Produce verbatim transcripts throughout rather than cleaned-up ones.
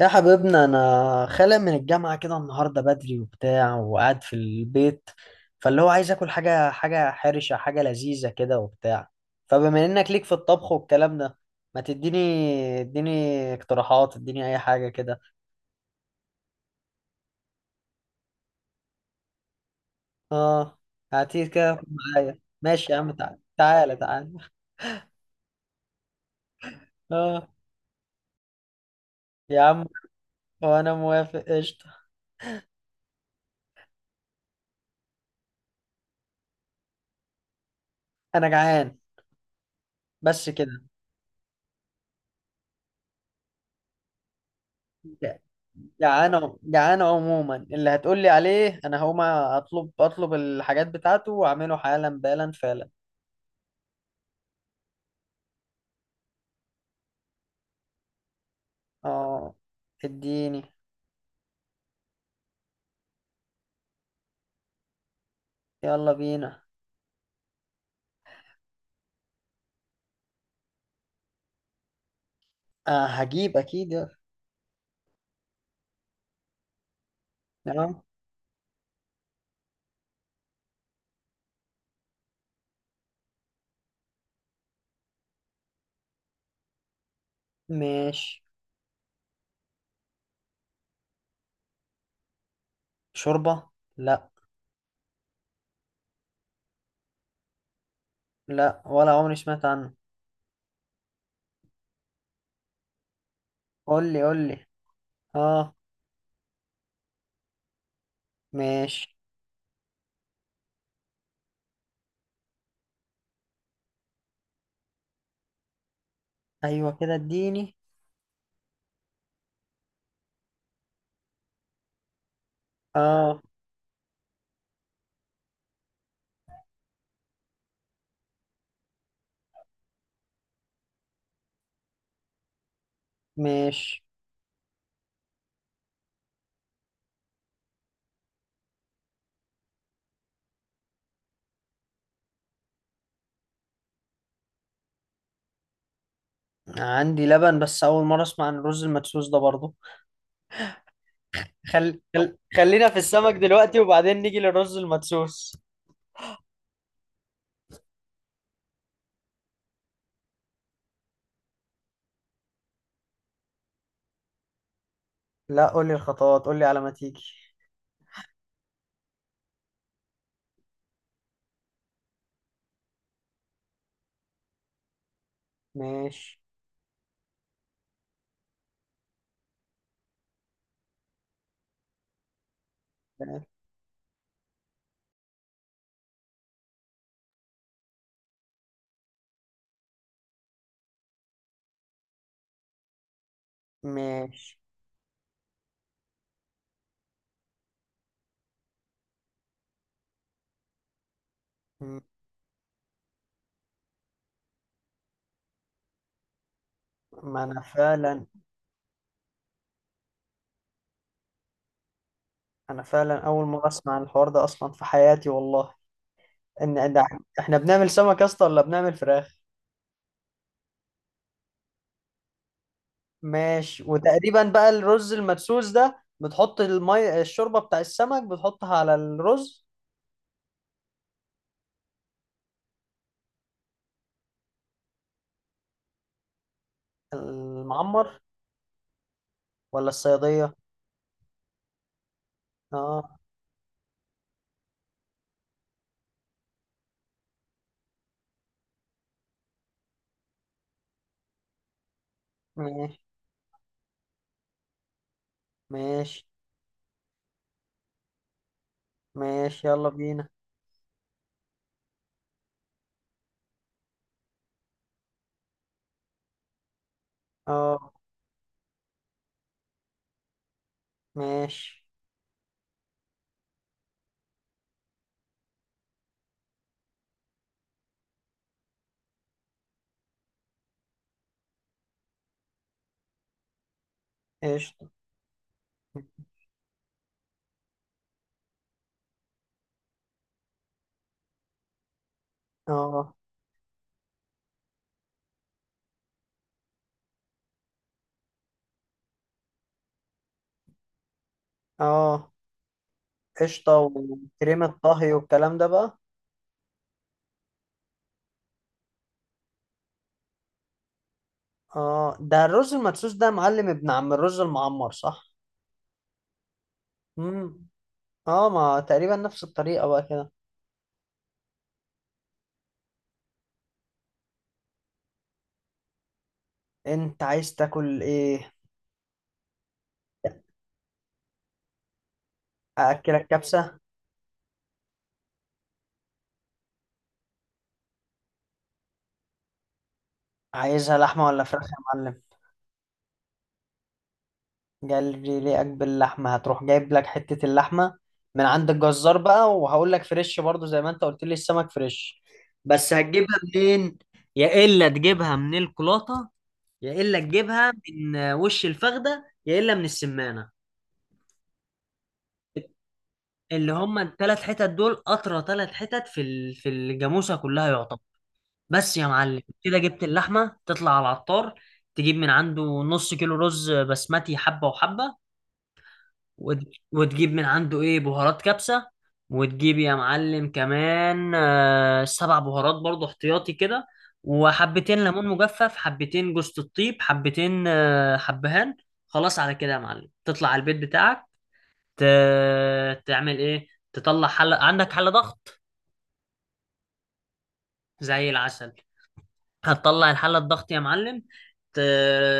يا حبيبنا، انا خالق من الجامعه كده النهارده بدري وبتاع وقاعد في البيت. فاللي هو عايز اكل حاجه حاجه حرشه حاجه لذيذه كده وبتاع. فبما انك ليك في الطبخ والكلام ده، ما تديني، اديني اقتراحات، اديني اي حاجه كده. اه، هاتيه كده، خد. معايا، ماشي يا عم، تعالى تعالى تعالى. اه، يا عم. وانا موافق، قشطه. انا جعان بس كده. جعان جعان عموما، اللي هتقول لي عليه انا هقوم اطلب اطلب الحاجات بتاعته واعمله حالا بالا فعلا. اه، اديني. يلا بينا. آه، هجيب اكيد، يلا. نعم. ماشي. شوربة. لا لا. ولا عمري سمعت عنه. قول لي قول لي. اه. ماشي. ايوه كده، اديني. اه. ماشي. عندي لبن، بس اول مرة اسمع عن الرز المدسوس ده برضه. خل... خل... خلينا في السمك دلوقتي وبعدين نيجي للرز المدسوس. لا، قول لي الخطوات، قول لي على ما تيجي. ماشي. ماشي. م- ما انا فعلا. انا فعلا اول مره اسمع عن الحوار ده اصلا في حياتي، والله. ان إن إح- احنا بنعمل سمك يا اسطى ولا بنعمل فراخ؟ ماشي. وتقريبا بقى الرز المدسوس ده بتحط المي الشوربه بتاع السمك، بتحطها على الرز المعمر ولا الصياديه. اه. ماشي. ماشي. ماشي. يلا بينا. اه. ماشي، قشطه. اه اه، قشطة وكريمة طهي والكلام ده بقى. اه، ده الرز المدسوس ده معلم، ابن عم الرز المعمر، صح؟ مم. اه، ما تقريبا نفس الطريقة بقى كده. انت عايز تاكل ايه؟ أأكلك كبسة؟ عايزها لحمة ولا فراخ يا معلم؟ جالي ليك باللحمة. هتروح جايب لك حتة اللحمة من عند الجزار بقى، وهقول لك فريش برضو زي ما انت قلت لي السمك فريش. بس هتجيبها منين؟ يا إلا تجيبها من الكولاطة، يا الا تجيبها من وش الفخده، يا الا من السمانه. اللي هم الثلاث حتت دول اطرى ثلاث حتت في ال- في الجاموسه كلها يعتبر. بس يا معلم كده، جبت اللحمه، تطلع على العطار، تجيب من عنده نص كيلو رز بسمتي، حبه وحبه. وت... وتجيب من عنده ايه بهارات كبسة. وتجيب يا معلم كمان آه، سبع بهارات برضو احتياطي كده. وحبتين ليمون مجفف، حبتين جوز الطيب، حبتين آه، حبهان. خلاص على كده يا معلم، تطلع على البيت بتاعك. ت... تعمل ايه؟ تطلع حلة، عندك حلة ضغط؟ زي العسل. هتطلع الحلة الضغط يا معلم. ت...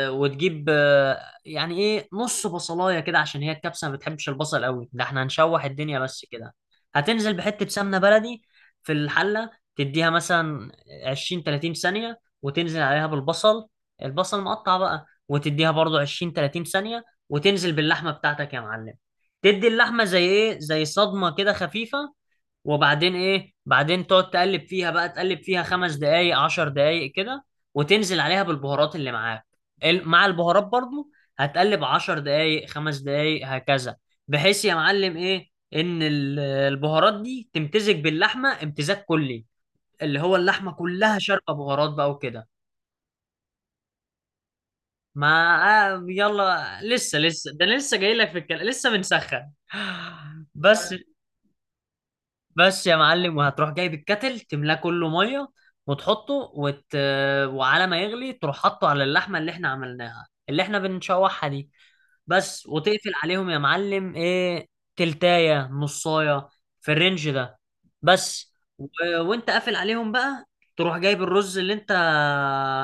وتجيب آه، يعني ايه نص بصلاية كده، عشان هي الكبسة ما بتحبش البصل قوي، ده احنا هنشوح الدنيا بس كده. هتنزل بحتة سمنة بلدي في الحلة. تديها مثلا عشرين ثلاثين ثانية، وتنزل عليها بالبصل. البصل مقطع بقى، وتديها برضو عشرين ثلاثين ثانية، وتنزل باللحمة بتاعتك يا معلم. تدي اللحمة زي ايه، زي صدمة كده خفيفة. وبعدين ايه، بعدين تقعد تقلب فيها بقى، تقلب فيها خمس دقايق عشر دقايق كده، وتنزل عليها بالبهارات اللي معاك. ال- مع البهارات برضو. هتقلب عشر دقايق، خمس دقايق، هكذا. بحيث يا معلم ايه ان ال- البهارات دي تمتزج باللحمة امتزاج كلي، اللي هو اللحمة كلها شاربة بهارات بقى وكده. ما آه يلا لسه لسه، ده أنا لسه جاي لك في الكلام، لسه بنسخن بس. بس يا معلم، وهتروح جايب الكتل، تملاه كله ميه، وتحطه. وت... وعلى ما يغلي تروح حاطه على اللحمه اللي احنا عملناها، اللي احنا بنشوحها دي بس، وتقفل عليهم يا معلم ايه، تلتاية نصاية، في الرينج ده بس. و... وانت قافل عليهم بقى، تروح جايب الرز اللي انت،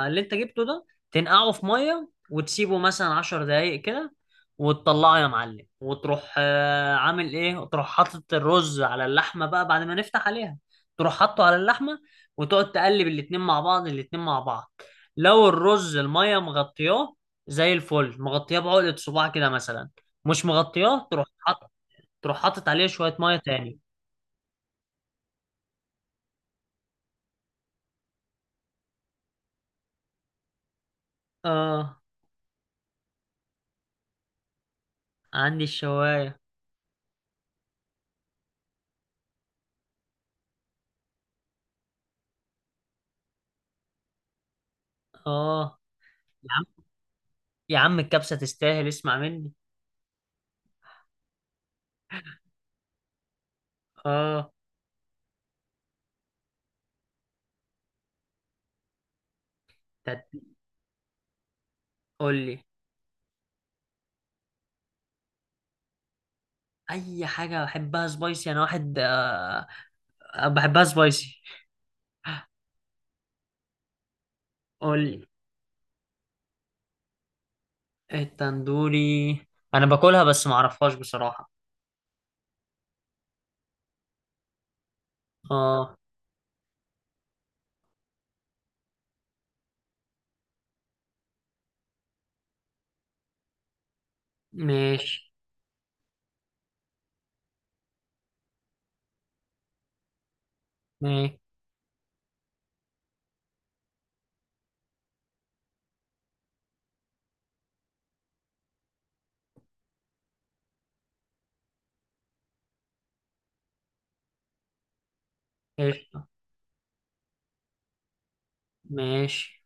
اللي انت جبته ده، تنقعه في ميه وتسيبه مثلا عشر دقايق كده، وتطلعه يا معلم، وتروح آه، عامل ايه، وتروح حاطط الرز على اللحمه بقى، بعد ما نفتح عليها، تروح حاطه على اللحمه، وتقعد تقلب الاتنين مع بعض، الاتنين مع بعض. لو الرز الميه مغطياه، زي الفل، مغطياه بعقدة صباع كده مثلا. مش مغطياه، تروح حاطط، تروح حاطط عليه شويه ميه تاني. اه. عندي الشوايه. اه، يا عم، يا عم الكبسه تستاهل، اسمع مني. اه. تت- قول لي. اي حاجه بحبها سبايسي، انا واحد آه، بحبها سبايسي. قول. التندوري؟ انا باكلها بس ما اعرفهاش بصراحة. اه. ماشي. ماشي. ماشي.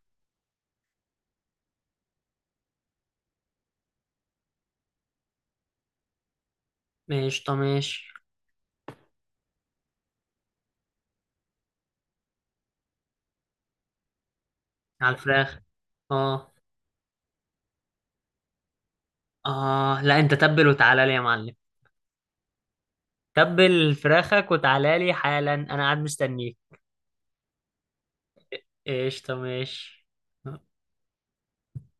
ماشي، طب ماشي. على الفراخ. اه. اه، لا، انت تبل وتعالى لي يا معلم. تبل فراخك وتعالى لي حالا، انا قاعد مستنيك. قشطة، ماشي.